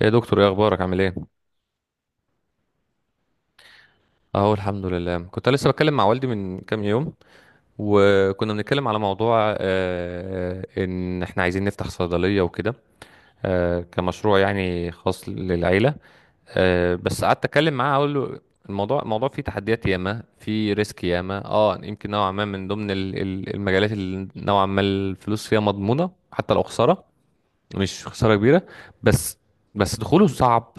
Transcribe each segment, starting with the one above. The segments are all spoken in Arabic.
يا دكتور، ايه اخبارك؟ عامل ايه؟ اهو الحمد لله. كنت لسه بتكلم مع والدي من كام يوم، وكنا بنتكلم على موضوع ان احنا عايزين نفتح صيدليه وكده، كمشروع يعني خاص للعيله. بس قعدت اتكلم معاه اقول له: الموضوع فيه تحديات ياما، فيه ريسك ياما، يمكن نوعا ما من ضمن المجالات اللي نوعا ما الفلوس فيها مضمونه حتى لو خساره. مش خسارة كبيرة. بس بس دخوله صعب،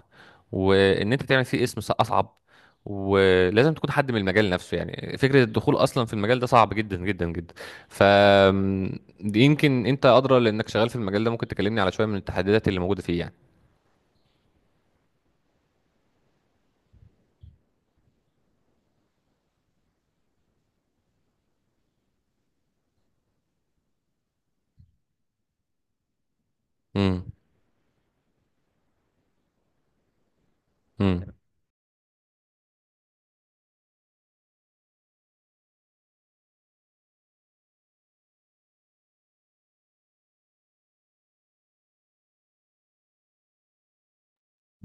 وان انت تعمل فيه اسم اصعب. ولازم تكون حد من المجال نفسه. يعني فكرة الدخول اصلا في المجال ده صعب جدا جدا جدا. ف م، دي يمكن انت ادرى لانك شغال في المجال ده. ممكن تكلمني على شوية من التحديات اللي موجودة فيه يعني؟ امم. امم.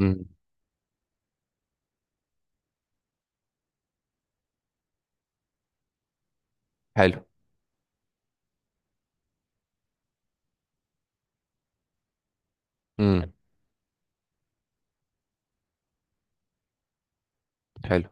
امم. حلو. امم. حلو.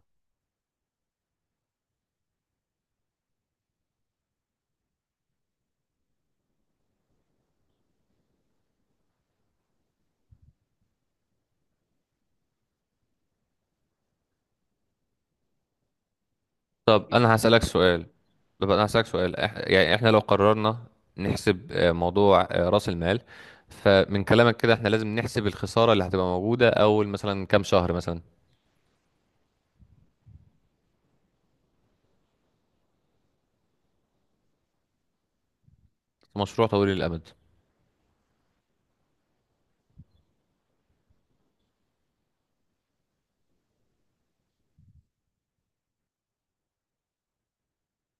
طب انا هسألك سؤال. يعني احنا لو قررنا نحسب موضوع رأس المال، فمن كلامك كده احنا لازم نحسب الخسارة اللي هتبقى موجودة اول مثلا كام شهر مثلا. في مشروع طويل الامد.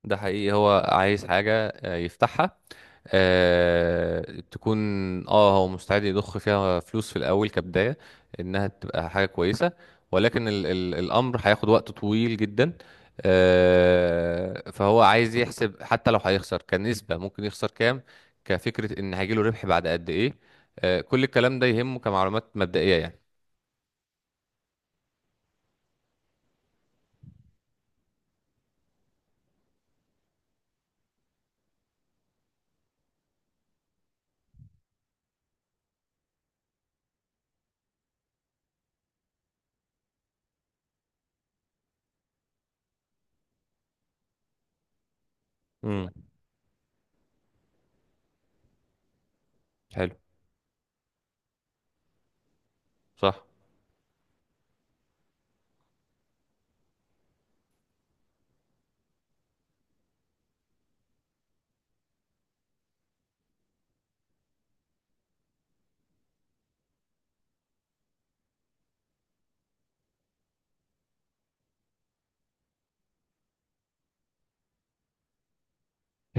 ده حقيقي هو عايز حاجة يفتحها، آه تكون، اه هو مستعد يضخ فيها فلوس في الاول كبدايه انها تبقى حاجه كويسه، ولكن ال ال الامر هياخد وقت طويل جدا. فهو عايز يحسب حتى لو هيخسر كنسبه ممكن يخسر كام، كفكره ان هيجيله ربح بعد قد ايه. كل الكلام ده يهمه كمعلومات مبدئيه يعني. امم. حلو. صح.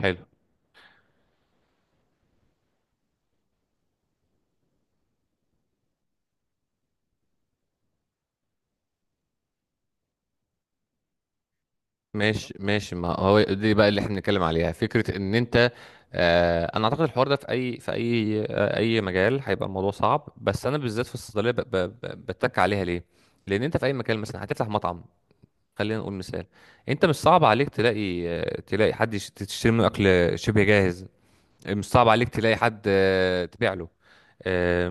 حلو. ماشي، ماشي، ما هو دي بقى اللي احنا بنتكلم عليها. فكره ان انت - انا اعتقد الحوار ده في اي اي مجال هيبقى الموضوع صعب، بس انا بالذات في الصيدليه بتك عليها ليه؟ لان انت في اي مكان، مثلا هتفتح مطعم، خلينا نقول مثال، انت مش صعب عليك تلاقي تلاقي حد تشتري منه اكل شبه جاهز. مش صعب عليك تلاقي حد تبيع له. آه،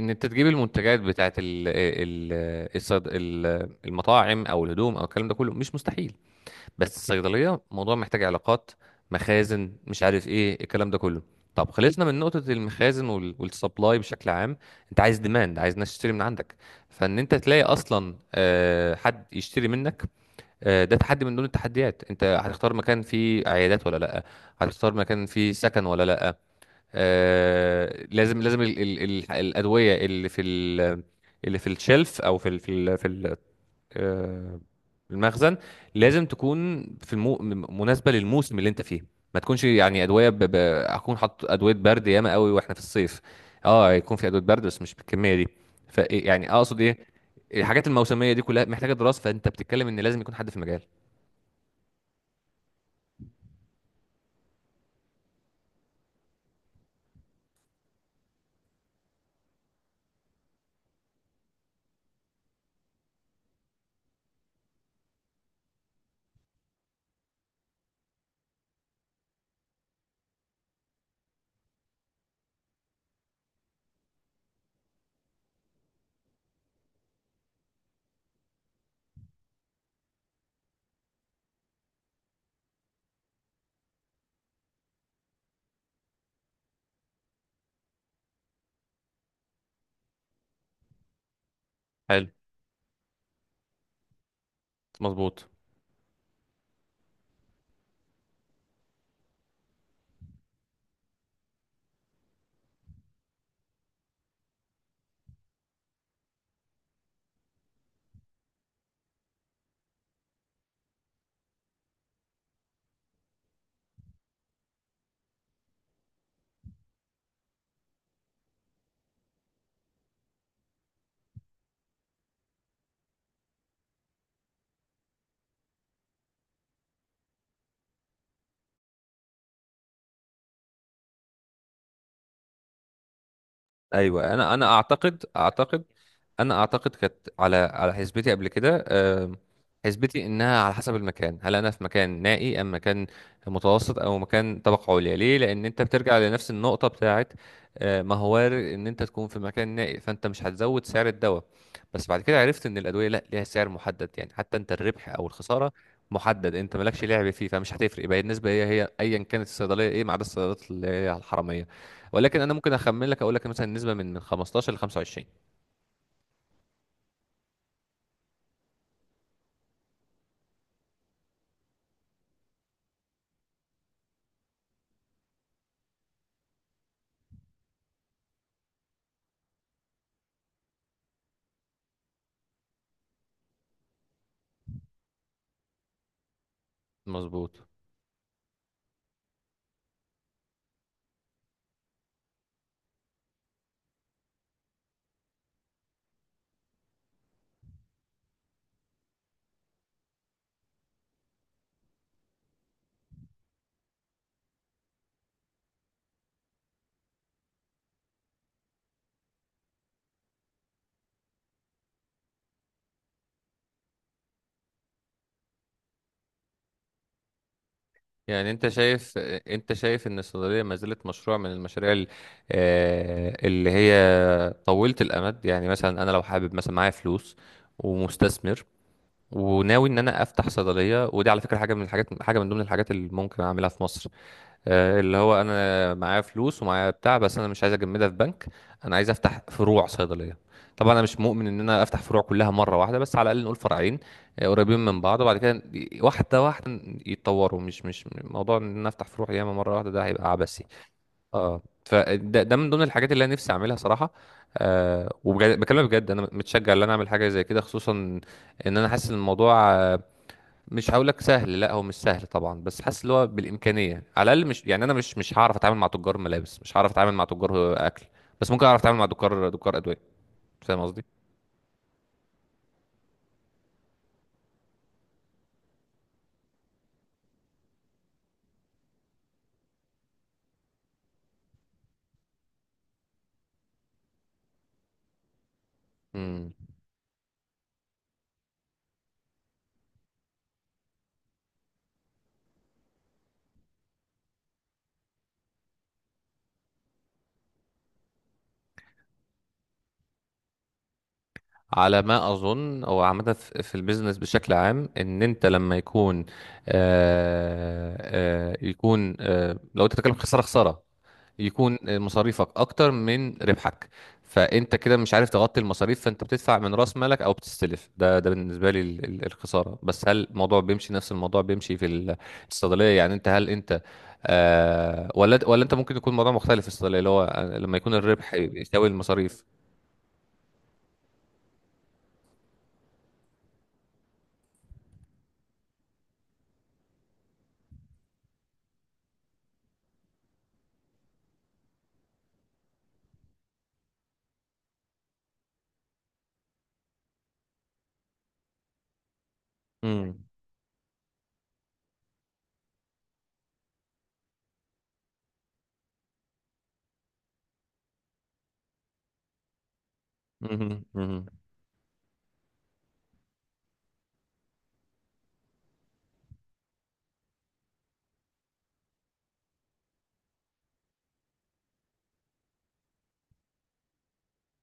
ان انت تجيب المنتجات بتاعت المطاعم او الهدوم او الكلام ده كله مش مستحيل. بس الصيدليه موضوع محتاج علاقات، مخازن، مش عارف ايه الكلام ده كله. طب خلصنا من نقطه المخازن والسبلاي بشكل عام. انت عايز ديماند، عايز ناس تشتري من عندك. فان انت تلاقي اصلا حد يشتري منك، ده تحدي من ضمن التحديات. انت هتختار مكان فيه عيادات ولا لا؟ هتختار مكان فيه سكن ولا لا؟ لازم، لازم ال ال ال الادويه اللي في اللي في الشلف او في ال آه، المخزن، لازم تكون في مناسبة للموسم اللي انت فيه. ما تكونش يعني ادوية اكون حاطط ادوية برد ياما قوي واحنا في الصيف. اه يكون في ادوية برد بس مش بالكمية دي. ف إيه، يعني اقصد ايه. الحاجات الموسمية دي كلها محتاجة دراسة. فانت بتتكلم ان لازم يكون حد في المجال. حلو. مظبوط. ايوه، انا اعتقد كانت، على حسبتي قبل كده، حسبتي انها على حسب المكان. هل انا في مكان نائي، ام مكان متوسط، او مكان طبقه عليا؟ ليه؟ لان انت بترجع لنفس النقطه بتاعت - ما هو وارد ان انت تكون في مكان نائي فانت مش هتزود سعر الدواء. بس بعد كده عرفت ان الادويه لا، ليها سعر محدد. يعني حتى انت الربح او الخساره محدد، انت مالكش لعب فيه. فمش هتفرق. يبقى النسبه هي هي ايا كانت الصيدليه ايه، ما عدا الصيدليات اللي هي الحراميه. ولكن انا ممكن اخمن لك، اقول لك مثلا نسبه من 15 ل 25. مظبوط. يعني انت شايف ان الصيدليه ما زالت مشروع من المشاريع اللي هي طويله الامد؟ يعني مثلا انا لو حابب، مثلا معايا فلوس ومستثمر، وناوي ان انا افتح صيدليه. ودي على فكره حاجه من الحاجات، حاجه من ضمن الحاجات اللي ممكن اعملها في مصر. اللي هو انا معايا فلوس ومعايا بتاع، بس انا مش عايز اجمدها في بنك. انا عايز افتح فروع صيدليه. طبعا انا مش مؤمن ان انا افتح فروع كلها مره واحده، بس على الاقل نقول فرعين، قريبين من بعض، وبعد كده واحده واحده يتطوروا. مش موضوع ان انا افتح فروع ياما مره واحده، ده هيبقى عبثي. اه فده من ضمن الحاجات اللي انا نفسي اعملها صراحه. وبجد بكلمك، بجد انا متشجع ان انا اعمل حاجه زي كده، خصوصا ان انا حاسس ان الموضوع - مش هقولك سهل، لا هو مش سهل طبعا، بس حاسس اللي هو بالامكانيه على الاقل. مش يعني انا مش هعرف اتعامل مع تجار ملابس، مش هعرف اتعامل مع تجار اكل. بس ممكن اعرف اتعامل مع دكار ادويه. فاهم قصدي؟ امم. على ما اظن، او عامه في البيزنس بشكل عام، ان انت لما يكون - يكون لو انت بتتكلم خساره، يكون مصاريفك اكتر من ربحك، فانت كده مش عارف تغطي المصاريف، فانت بتدفع من راس مالك او بتستلف. ده بالنسبه لي الخساره. بس هل الموضوع بيمشي، نفس الموضوع بيمشي في الصيدليه؟ يعني انت هل انت - ولا انت ممكن يكون الموضوع مختلف في الصيدليه، اللي هو لما يكون الربح يساوي المصاريف. امم.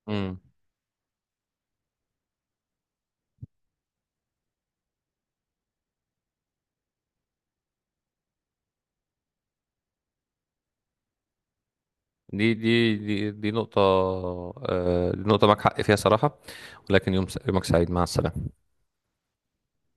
امم. دي نقطة معك حق فيها صراحة. ولكن يومك سعيد. مع السلامة.